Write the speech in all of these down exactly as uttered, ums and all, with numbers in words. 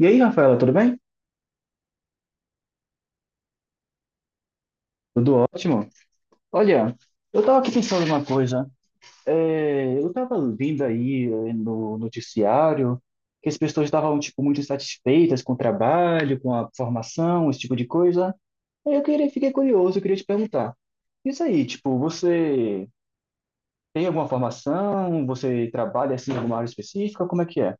E aí, Rafaela, tudo bem? Tudo ótimo. Olha, eu estava aqui pensando uma coisa. É, eu estava vendo aí é, no noticiário que as pessoas estavam tipo muito insatisfeitas com o trabalho, com a formação, esse tipo de coisa. Aí eu queria, fiquei curioso, eu queria te perguntar. Isso aí, tipo, você tem alguma formação? Você trabalha assim em alguma área específica? Como é que é?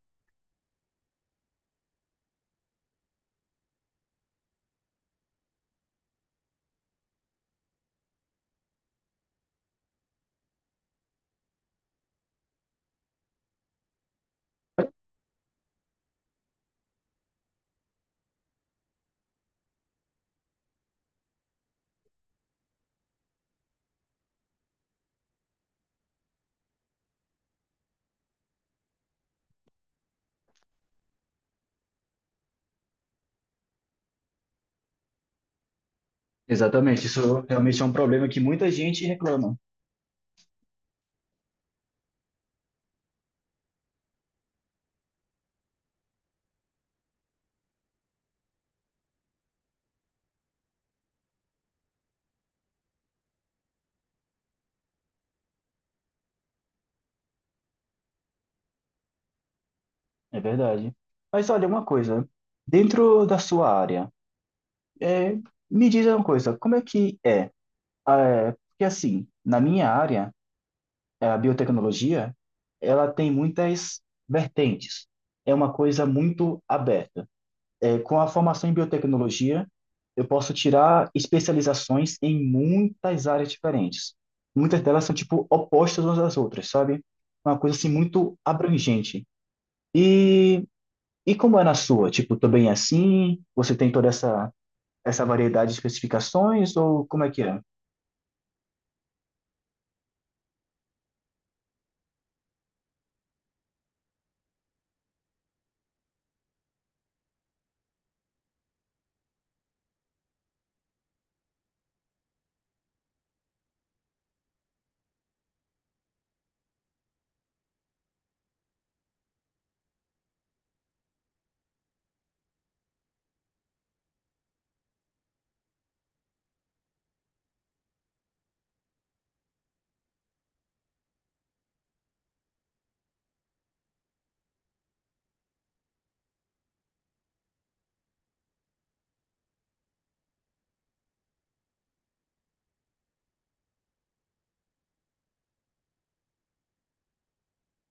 Exatamente, isso realmente é um problema que muita gente reclama. É verdade. Mas olha, uma coisa, dentro da sua área. É, me diz uma coisa, como é que é? Ah, é, Porque assim, na minha área, a biotecnologia, ela tem muitas vertentes. É uma coisa muito aberta. É, com a formação em biotecnologia, eu posso tirar especializações em muitas áreas diferentes. Muitas delas são tipo opostas umas às outras, sabe? É uma coisa assim muito abrangente. E e como é na sua? Tipo, também é assim? Você tem toda essa essa variedade de especificações ou como é que é?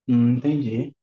Hum, entendi,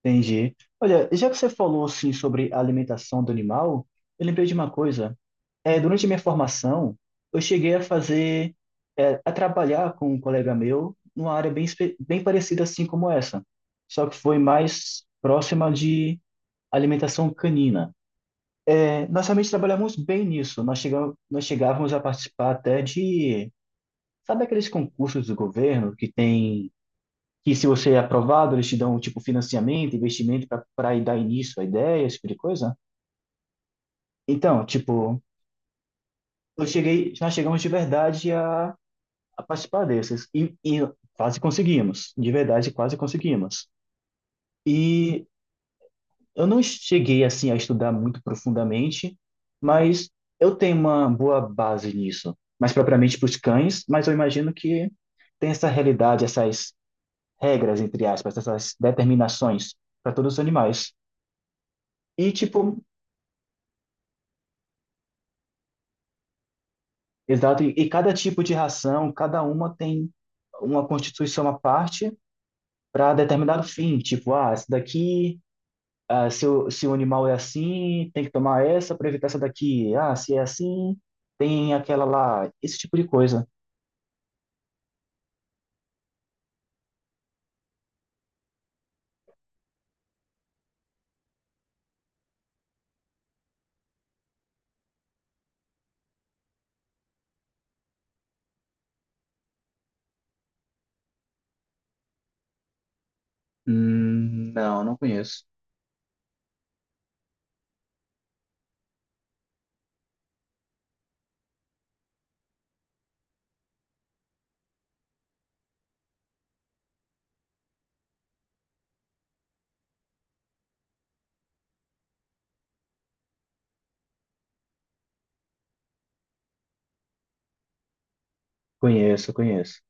entendi. Olha, já que você falou assim sobre a alimentação do animal, eu lembrei de uma coisa. É, durante a minha formação, eu cheguei a fazer, é, a trabalhar com um colega meu numa área bem, espe- bem parecida assim como essa, só que foi mais próxima de alimentação canina. É, nós realmente trabalhamos bem nisso. Nós chegamos, nós chegávamos a participar até de, sabe aqueles concursos do governo que tem que se você é aprovado, eles te dão, tipo, financiamento, investimento para dar início à ideia, esse tipo de coisa. Então, tipo, eu cheguei, nós chegamos de verdade a, a participar desses. E, e quase conseguimos. De verdade, quase conseguimos. E eu não cheguei, assim, a estudar muito profundamente, mas eu tenho uma boa base nisso. Mais propriamente para os cães, mas eu imagino que tem essa realidade, essas regras, entre aspas, essas determinações para todos os animais. E, tipo, exato, e, e cada tipo de ração, cada uma tem uma constituição à parte para determinado fim. Tipo, ah, essa daqui, ah, se o, se o animal é assim, tem que tomar essa para evitar essa daqui. Ah, se é assim, tem aquela lá. Esse tipo de coisa. Hum, não, não conheço. Conheço, conheço.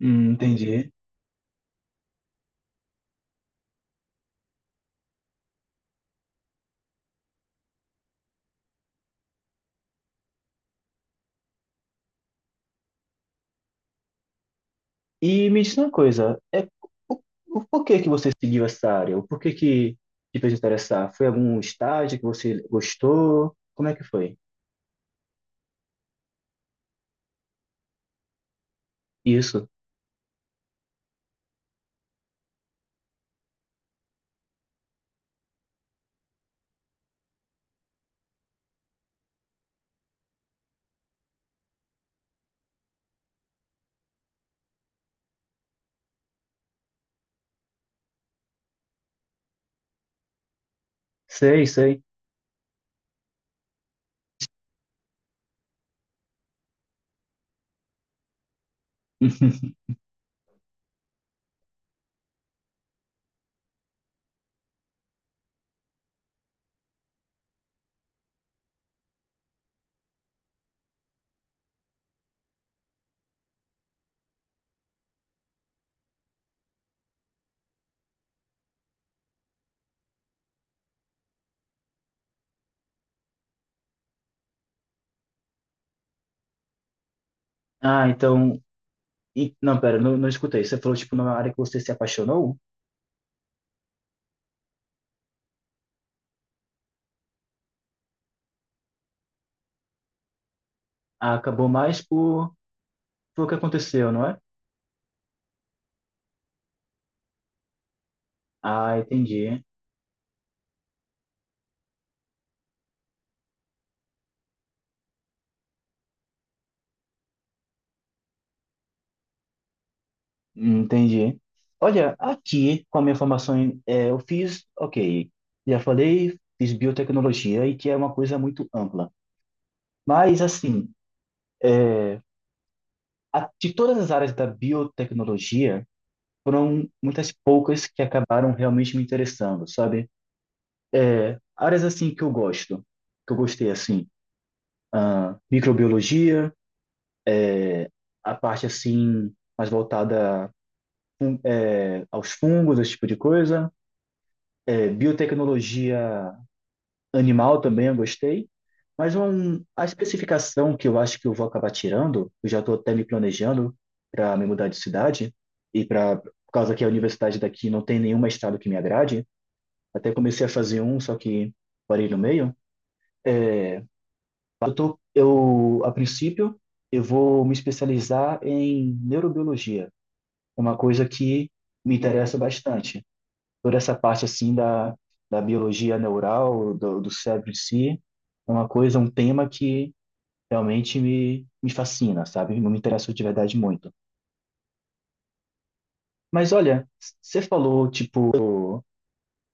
Hum, entendi. E me diz uma coisa, é, o, o porquê que você seguiu essa área? O porquê que te fez interessar? Foi algum estágio que você gostou? Como é que foi? Isso. Sei, sei. Ah, então. E- não, pera, não, não escutei. Você falou, tipo, numa área que você se apaixonou? Ah, acabou mais por, por o que aconteceu, não é? Ah, entendi. Entendi. Olha, aqui, com a minha formação, em- é, eu fiz, ok, já falei, fiz biotecnologia, e que é uma coisa muito ampla. Mas, assim, é, a- de todas as áreas da biotecnologia, foram muitas poucas que acabaram realmente me interessando, sabe? É, áreas assim que eu gosto, que eu gostei assim, ah, microbiologia, a parte assim mais voltada fun- é, aos fungos, esse tipo de coisa. É, biotecnologia animal também eu gostei, mas um, a especificação que eu acho que eu vou acabar tirando, eu já estou até me planejando para me mudar de cidade e para, por causa que a universidade daqui não tem nenhum mestrado que me agrade, até comecei a fazer um, só que parei no meio. Eu tô, eu, a princípio, eu vou me especializar em neurobiologia, uma coisa que me interessa bastante. Toda essa parte assim da, da biologia neural, do, do cérebro em si, é uma coisa, um tema que realmente me, me fascina, sabe? Não me interessa de verdade muito. Mas olha, você falou, tipo,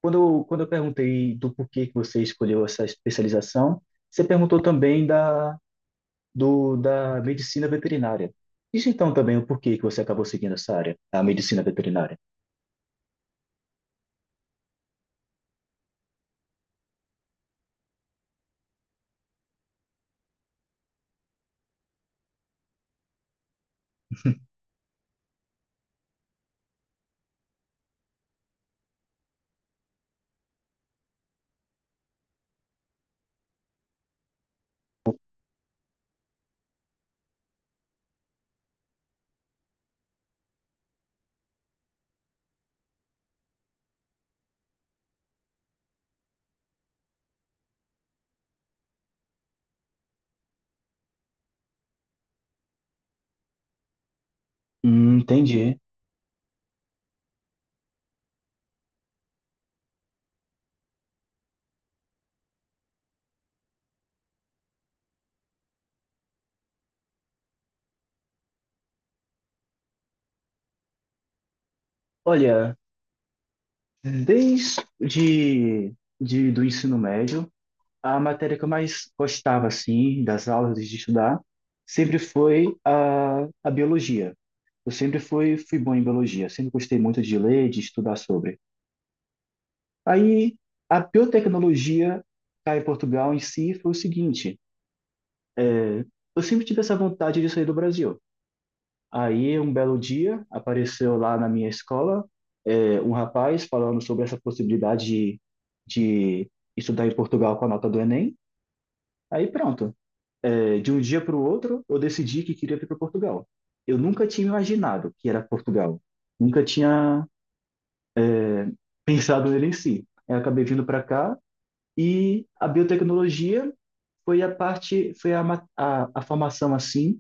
quando eu, quando eu perguntei do porquê que você escolheu essa especialização, você perguntou também da do, da medicina veterinária. Diz então também o porquê que você acabou seguindo essa área, a medicina veterinária. Hum, entendi. Olha, desde de, de- do ensino médio, a matéria que eu mais gostava, assim, das aulas de estudar, sempre foi a, a biologia. Eu sempre fui, fui bom em biologia, sempre gostei muito de ler, de estudar sobre. Aí, a biotecnologia cá em Portugal em si foi o seguinte, é, eu sempre tive essa vontade de sair do Brasil. Aí, um belo dia, apareceu lá na minha escola, é, um rapaz falando sobre essa possibilidade de, de estudar em Portugal com a nota do Enem. Aí, pronto. É, de um dia para o outro, eu decidi que queria vir para Portugal. Eu nunca tinha imaginado que era Portugal. Nunca tinha pensado nele em si. Eu acabei vindo para cá e a biotecnologia foi a parte, foi a, ma- a, a formação assim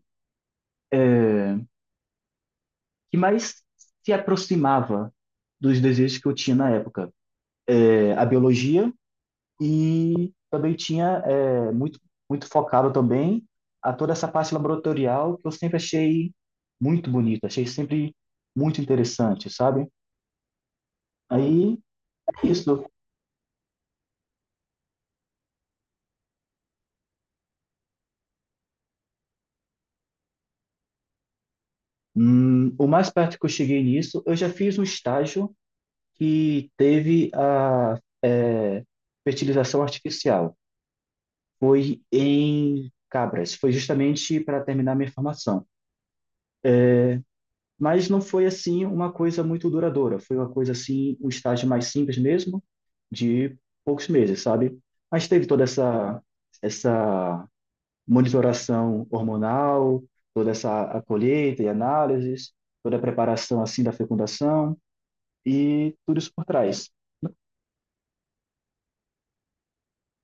que mais se aproximava dos desejos que eu tinha na época, é, a biologia, e também tinha é, muito muito focado também a toda essa parte laboratorial que eu sempre achei muito bonita, achei sempre muito interessante, sabe? Aí é isso, hum, o mais perto que eu cheguei nisso, eu já fiz um estágio que teve a é, fertilização artificial, foi em cabras, foi justamente para terminar minha formação. Mas não foi assim uma coisa muito duradoura, foi uma coisa assim, um estágio mais simples mesmo, de poucos meses, sabe? Mas teve toda essa essa monitoração hormonal, toda essa a colheita e análises, toda a preparação assim da fecundação e tudo isso por trás.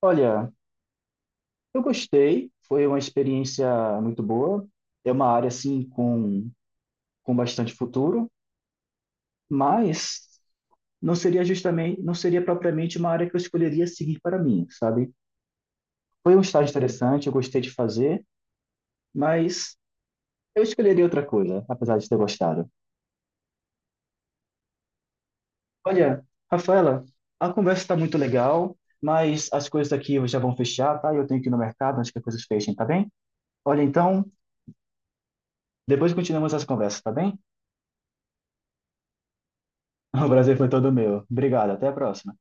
Olha, eu gostei, foi uma experiência muito boa, é uma área assim com com bastante futuro, mas não seria justamente, não seria propriamente uma área que eu escolheria seguir para mim, sabe? Foi um estágio interessante, eu gostei de fazer, mas eu escolheria outra coisa, apesar de ter gostado. Olha, Rafaela, a conversa está muito legal, mas as coisas aqui já vão fechar, tá? Eu tenho que ir no mercado antes que as coisas fechem, tá bem? Olha, então, depois continuamos as conversas, tá bem? O prazer foi todo meu. Obrigado, até a próxima.